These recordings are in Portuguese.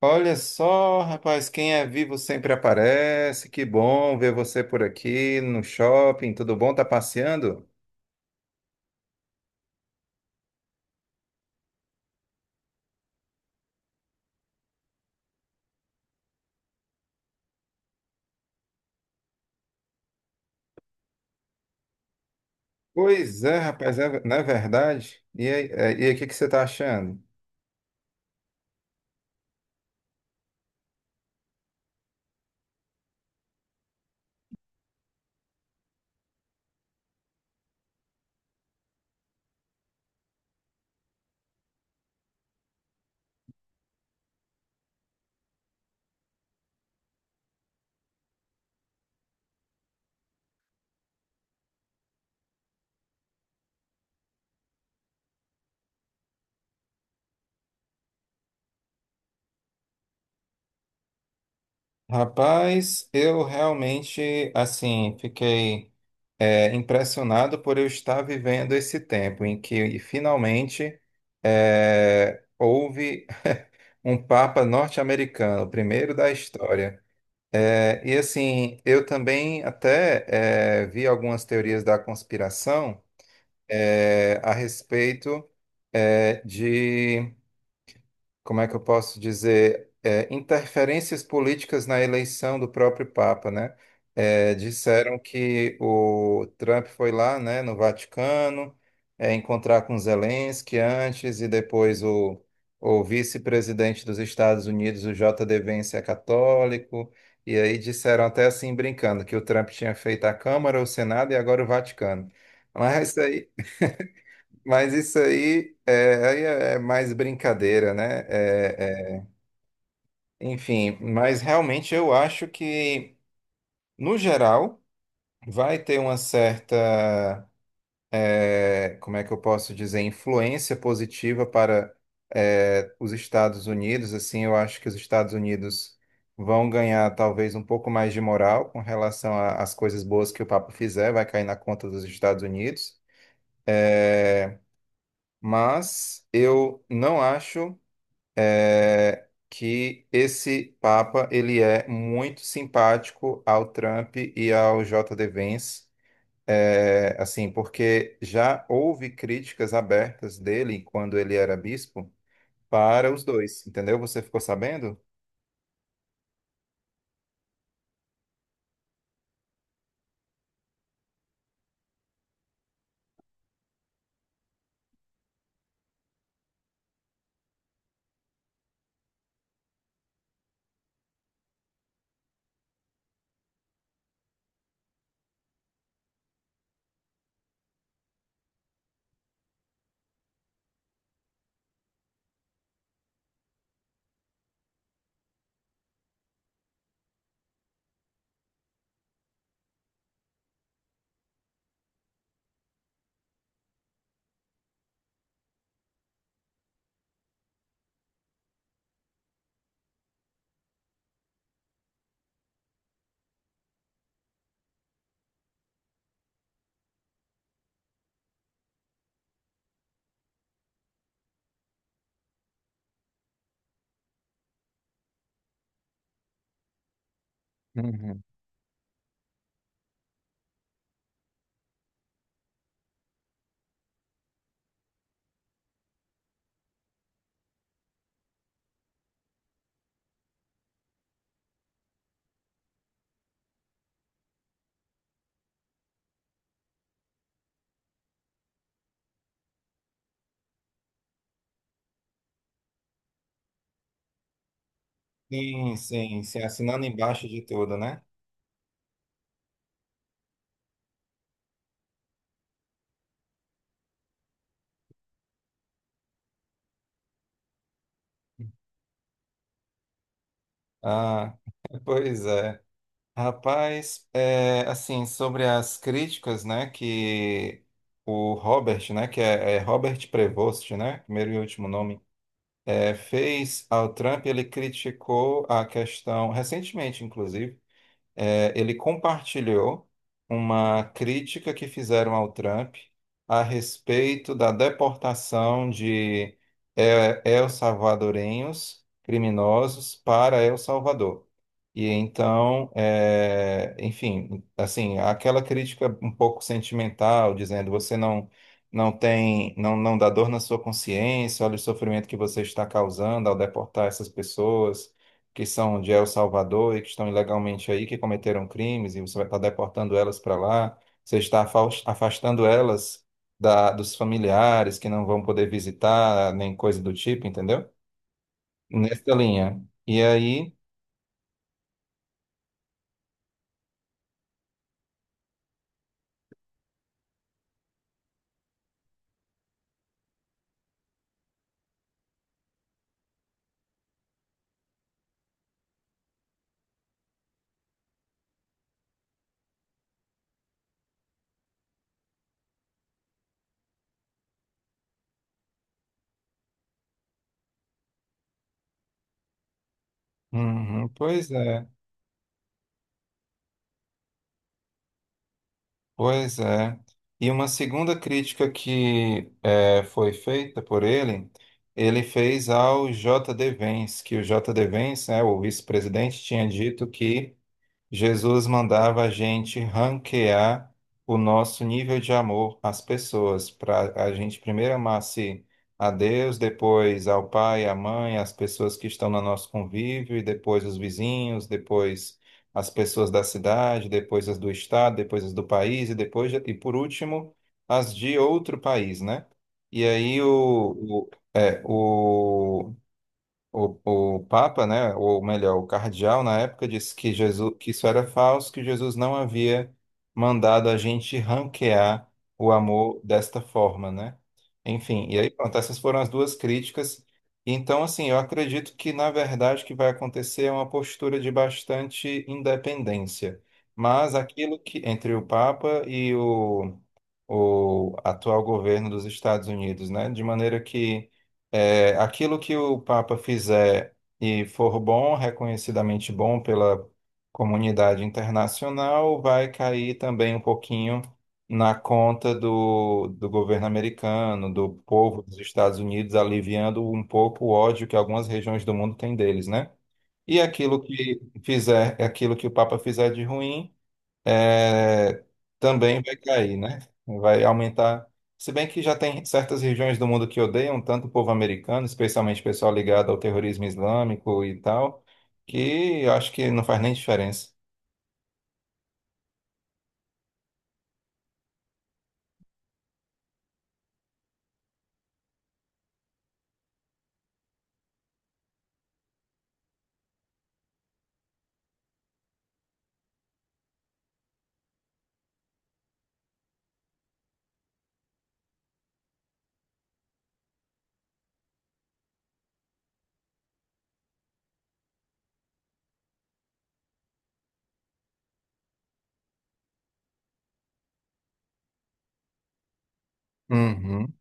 Olha só, rapaz, quem é vivo sempre aparece. Que bom ver você por aqui no shopping. Tudo bom? Tá passeando? Pois é, rapaz, não é verdade? E aí, o que que você tá achando? Rapaz, eu realmente, assim, fiquei impressionado por eu estar vivendo esse tempo em que finalmente houve um Papa norte-americano, o primeiro da história. E assim, eu também até vi algumas teorias da conspiração a respeito de como é que eu posso dizer, interferências políticas na eleição do próprio Papa, né? Disseram que o Trump foi lá, né, no Vaticano, encontrar com Zelensky antes e depois o vice-presidente dos Estados Unidos, o J. D. Vance, é católico. E aí disseram até assim, brincando, que o Trump tinha feito a Câmara, o Senado e agora o Vaticano. Mas isso aí, mas isso aí, aí é mais brincadeira, né? Enfim, mas realmente eu acho que, no geral, vai ter uma certa, como é que eu posso dizer, influência positiva para, os Estados Unidos. Assim, eu acho que os Estados Unidos vão ganhar talvez um pouco mais de moral com relação às coisas boas que o Papa fizer, vai cair na conta dos Estados Unidos. Eh, mas eu não acho que esse Papa ele é muito simpático ao Trump e ao J.D. Vance, assim, porque já houve críticas abertas dele quando ele era bispo para os dois, entendeu? Você ficou sabendo? Uhum. Sim, sim, sim, assinando embaixo de tudo, né? Ah, pois é. Rapaz, assim, sobre as críticas, né, que o Robert, né, que é Robert Prevost, né, primeiro e último nome, fez ao Trump, ele criticou a questão, recentemente, inclusive, ele compartilhou uma crítica que fizeram ao Trump a respeito da deportação de el-salvadorenhos criminosos para El Salvador. E então, enfim, assim, aquela crítica um pouco sentimental, dizendo você não tem, não, não dá dor na sua consciência, olha o sofrimento que você está causando ao deportar essas pessoas que são de El Salvador e que estão ilegalmente aí, que cometeram crimes, e você vai estar deportando elas para lá, você está afastando elas dos familiares que não vão poder visitar, nem coisa do tipo, entendeu? Nessa linha. E aí, uhum, pois é, pois é. E uma segunda crítica que foi feita por ele fez ao J.D. Vance, que o J.D. Vance, né, o vice-presidente, tinha dito que Jesus mandava a gente ranquear o nosso nível de amor às pessoas, para a gente primeiro amasse a Deus, depois ao pai, à mãe, às pessoas que estão no nosso convívio, e depois os vizinhos, depois as pessoas da cidade, depois as do estado, depois as do país, e depois, e por último, as de outro país, né? E aí o Papa, né, ou melhor, o cardeal na época disse que Jesus, que isso era falso, que Jesus não havia mandado a gente ranquear o amor desta forma, né? Enfim, e aí pronto, essas foram as duas críticas. Então, assim, eu acredito que na verdade o que vai acontecer é uma postura de bastante independência. Mas aquilo que entre o Papa e o atual governo dos Estados Unidos, né, de maneira que aquilo que o Papa fizer e for bom, reconhecidamente bom pela comunidade internacional, vai cair também um pouquinho na conta do governo americano, do povo dos Estados Unidos, aliviando um pouco o ódio que algumas regiões do mundo têm deles, né? E aquilo que fizer, aquilo que o Papa fizer de ruim é, também vai cair, né? Vai aumentar. Se bem que já tem certas regiões do mundo que odeiam tanto o povo americano, especialmente o pessoal ligado ao terrorismo islâmico e tal, que acho que não faz nem diferença. Uhum.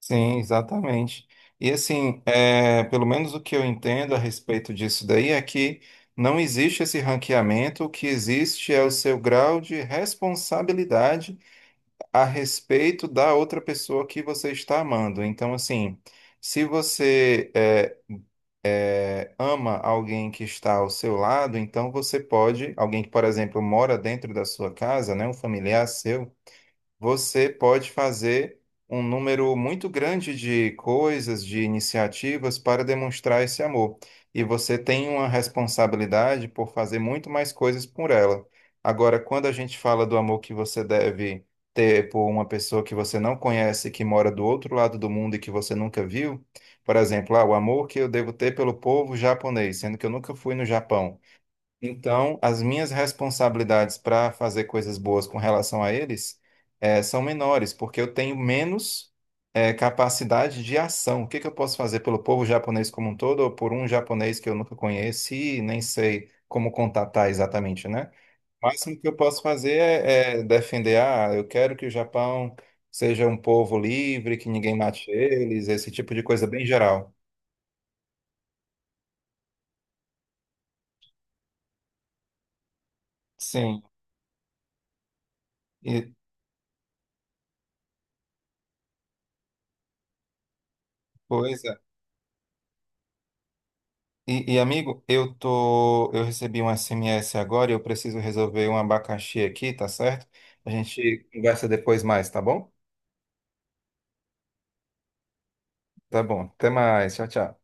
Sim, exatamente. E assim, pelo menos o que eu entendo a respeito disso daí é que não existe esse ranqueamento, o que existe é o seu grau de responsabilidade a respeito da outra pessoa que você está amando. Então, assim, se você ama alguém que está ao seu lado, então você pode, alguém que, por exemplo, mora dentro da sua casa, né, um familiar seu você pode fazer um número muito grande de coisas, de iniciativas para demonstrar esse amor. E você tem uma responsabilidade por fazer muito mais coisas por ela. Agora, quando a gente fala do amor que você deve ter por uma pessoa que você não conhece, que mora do outro lado do mundo e que você nunca viu, por exemplo, ah, o amor que eu devo ter pelo povo japonês, sendo que eu nunca fui no Japão. Então, as minhas responsabilidades para fazer coisas boas com relação a eles são menores, porque eu tenho menos capacidade de ação. O que que eu posso fazer pelo povo japonês como um todo, ou por um japonês que eu nunca conheci e nem sei como contatar exatamente, né? O máximo que eu posso fazer é defender, ah, eu quero que o Japão seja um povo livre, que ninguém mate eles, esse tipo de coisa bem geral. Sim, e, pois é. Amigo, eu recebi um SMS agora e eu preciso resolver um abacaxi aqui, tá certo? A gente conversa depois mais, tá bom? Tá bom. Até mais. Tchau, tchau.